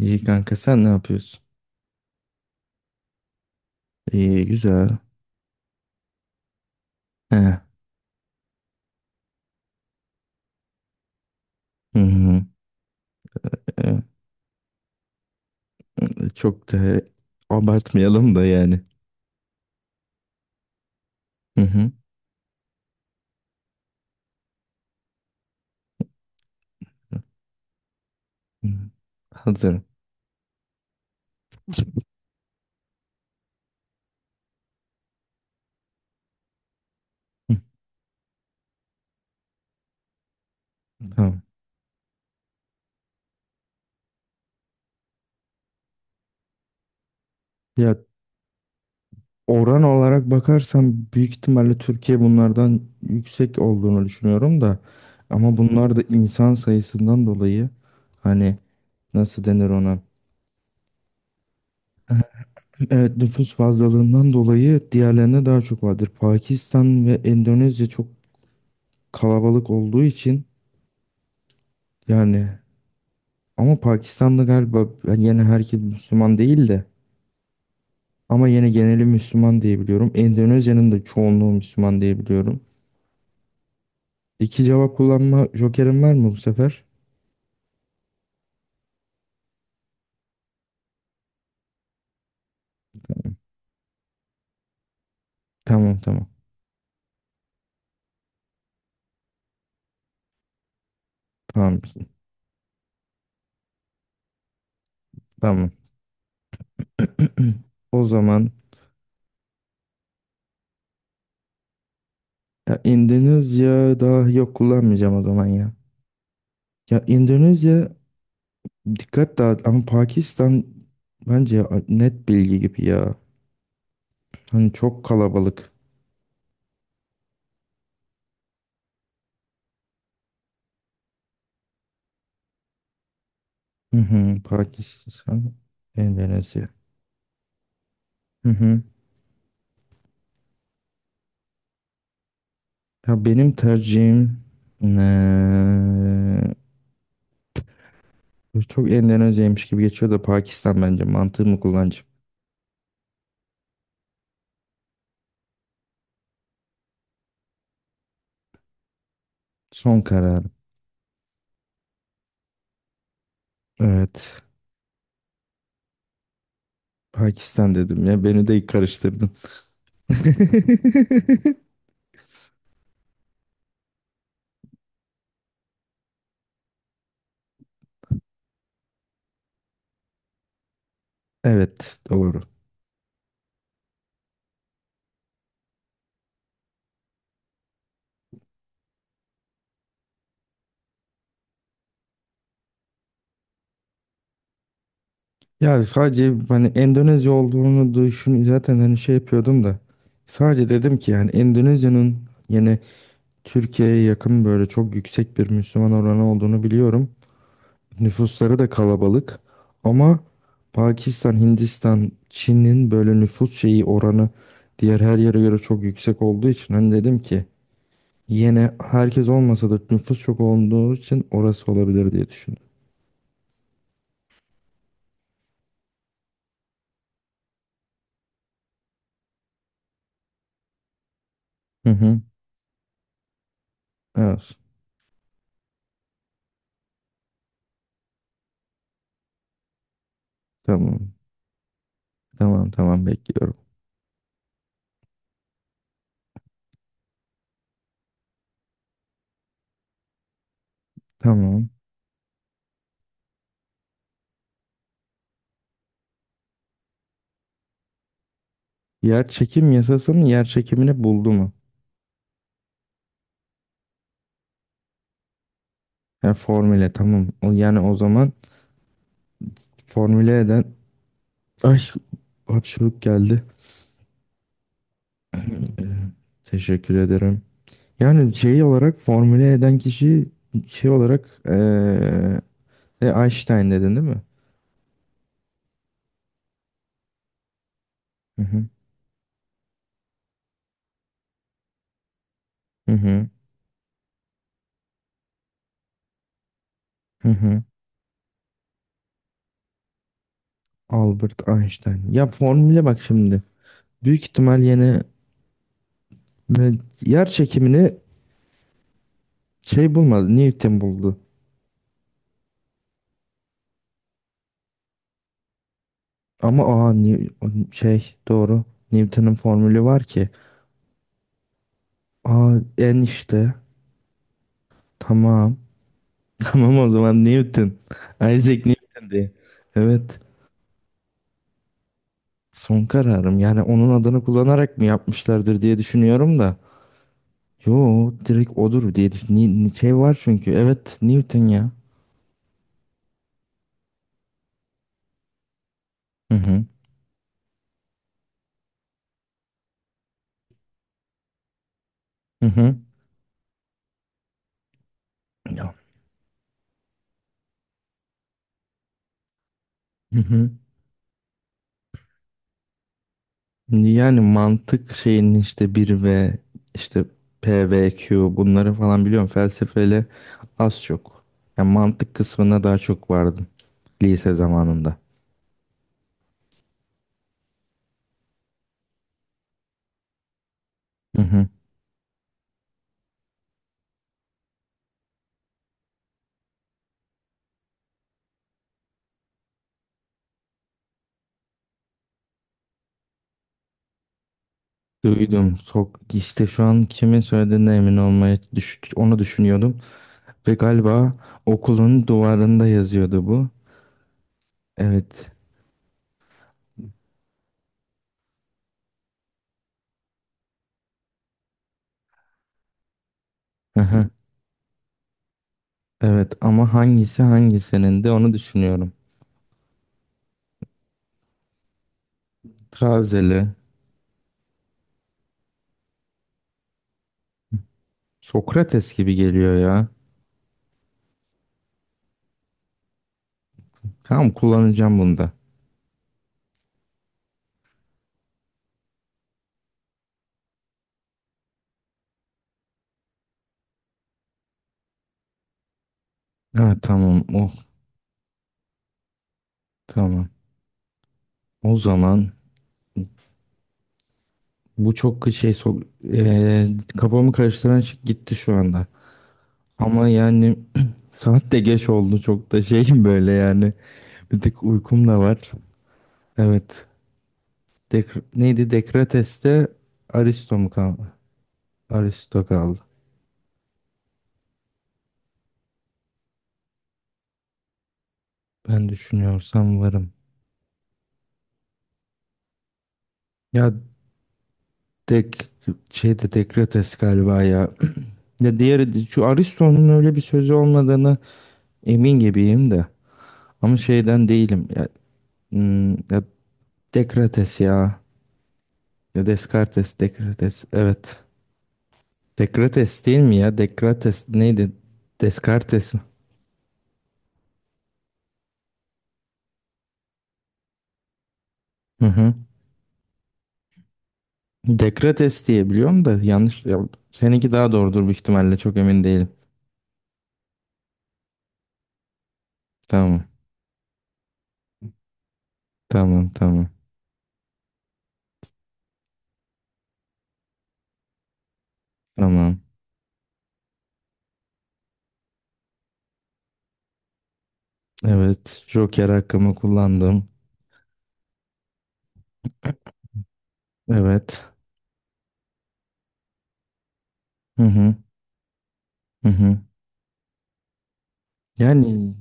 İyi kanka, sen ne yapıyorsun? İyi güzel. He. Hı hı. E, Çok da abartmayalım da yani. Hı hı. Hı. Hazırım. Hı. Tamam. Ya, oran olarak bakarsam büyük ihtimalle Türkiye bunlardan yüksek olduğunu düşünüyorum da, ama bunlar da insan sayısından dolayı, hani, nasıl denir ona? Evet, nüfus fazlalığından dolayı diğerlerine daha çok vardır. Pakistan ve Endonezya çok kalabalık olduğu için. Yani, ama Pakistan'da galiba yani yine herkes Müslüman değil de ama yine geneli Müslüman diye biliyorum. Endonezya'nın da çoğunluğu Müslüman diye biliyorum. İki cevap kullanma jokerim var mı bu sefer? Tamam, tamam. Tamam. Tamam. O zaman ya Endonezya, daha yok, kullanmayacağım o zaman ya. Ya Endonezya dikkat dağıt, ama Pakistan bence net bilgi gibi ya. Hani çok kalabalık. Hı hı, Pakistan, Endonezya. Hı hı. Ya benim tercihim, eee, çok Endonezya'ymış gibi geçiyor da Pakistan, bence mantığımı kullanacağım. Son kararım. Evet. Pakistan dedim ya, beni de karıştırdın. Evet, doğru. Ya sadece hani Endonezya olduğunu düşün zaten, hani şey yapıyordum da sadece dedim ki yani Endonezya'nın yine Türkiye'ye yakın böyle çok yüksek bir Müslüman oranı olduğunu biliyorum. Nüfusları da kalabalık, ama Pakistan, Hindistan, Çin'in böyle nüfus şeyi oranı diğer her yere göre çok yüksek olduğu için hani dedim ki yine herkes olmasa da nüfus çok olduğu için orası olabilir diye düşündüm. Hı hı. Evet. Tamam. Tamam, tamam, bekliyorum. Tamam. Yer çekim yasasının, yer çekimini buldu mu? Ya, formüle, tamam. O, yani o zaman formüle eden, ay, hapşuruk geldi. Ee, Teşekkür ederim. Yani şey olarak formüle eden kişi, şey olarak Einstein dedin değil mi? Hı hı. Hı hı. Hı hı. Albert Einstein. Ya formüle, bak şimdi. Büyük ihtimal yine, ve yer çekimini şey bulmadı. Newton buldu. Ama aa, Ni- şey doğru. Newton'un formülü var ki. Aa, en işte. Tamam. Tamam, o zaman Newton. Isaac Newton diye. Evet. Son kararım, yani onun adını kullanarak mı yapmışlardır diye düşünüyorum da. Yo, direkt odur diye düş- Ni- ni- şey var çünkü, evet, Newton ya. Hı hı. Hı hı. Ya. Hı hı. Yani mantık şeyinin işte bir ve işte P ve Q bunları falan biliyorum, felsefeyle az çok. Yani mantık kısmına daha çok vardım lise zamanında. Hı hı. Duydum. Sok, işte şu an kimin söylediğine emin olmaya düş onu düşünüyordum. Ve galiba okulun duvarında yazıyordu bu. Evet. Aha, evet, ama hangisi hangisinin de onu düşünüyorum. Tazeli. Sokrates gibi geliyor ya. Tamam, kullanacağım bunda. Ha, tamam. Oh, tamam. O zaman bu çok şey, kafamı karıştıran şey gitti şu anda. Ama yani saat de geç oldu, çok da şeyim böyle yani. Bir tık uykum da var. Evet. Dek, neydi? Dekrates'te Aristo mu kaldı? Aristo kaldı. Ben düşünüyorsam varım. Ya dek, şeyde Dekrates galiba ya. Ya diğeri, şu Aristo'nun öyle bir sözü olmadığını emin gibiyim de. Ama şeyden değilim. Ya, ya Dekrates ya. Ya Descartes, Dekrates. Evet. Dekrates değil mi ya? Dekrates neydi? Descartes. Hı hı. Dekrates diye biliyorum da, yanlış. Ya, seninki daha doğrudur büyük ihtimalle. Çok emin değilim. Tamam. Tamam. Tamam. Tamam. Evet. Joker hakkımı kullandım. Evet. Hı hı. Hı hı. Yani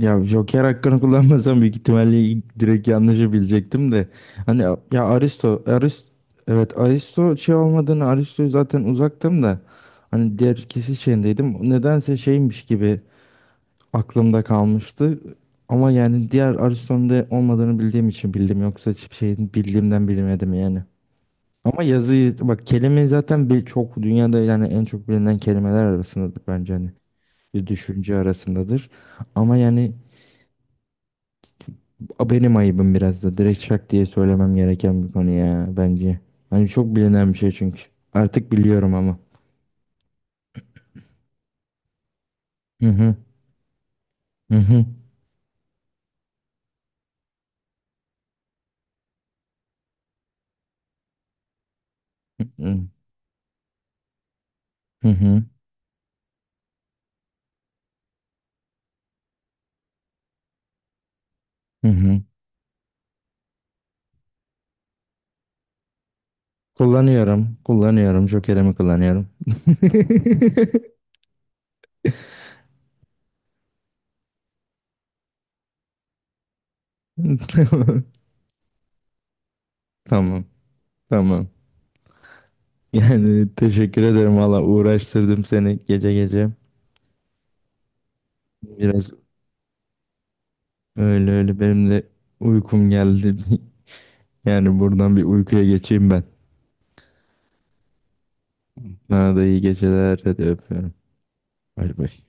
ya Joker hakkını kullanmasam büyük ihtimalle ilk direkt yanlışı bilecektim de. Hani ya Aristo, Aristo, evet Aristo şey olmadığını, Aristo zaten uzaktım da. Hani diğer ikisi şeyindeydim. Nedense şeymiş gibi aklımda kalmıştı. Ama yani diğer Aristo'nun da olmadığını bildiğim için bildim. Yoksa hiçbir şeyin bildiğimden bilmedim yani. Ama yazıyı bak, kelime zaten bir çok dünyada yani en çok bilinen kelimeler arasındadır bence, hani bir düşünce arasındadır. Ama yani, benim ayıbım biraz da direkt şak diye söylemem gereken bir konu ya bence. Hani çok bilinen bir şey çünkü. Artık biliyorum ama. Hı hı, hı hı, hı hı hı. Hı hı. Kullanıyorum, kullanıyorum. Jokerimi kullanıyorum. Tamam, tamam, tamam. Yani teşekkür ederim valla, uğraştırdım seni gece gece. Biraz. Öyle öyle, benim de uykum geldi. Yani buradan bir uykuya geçeyim ben. Sana da iyi geceler. Hadi öpüyorum. Bay bay.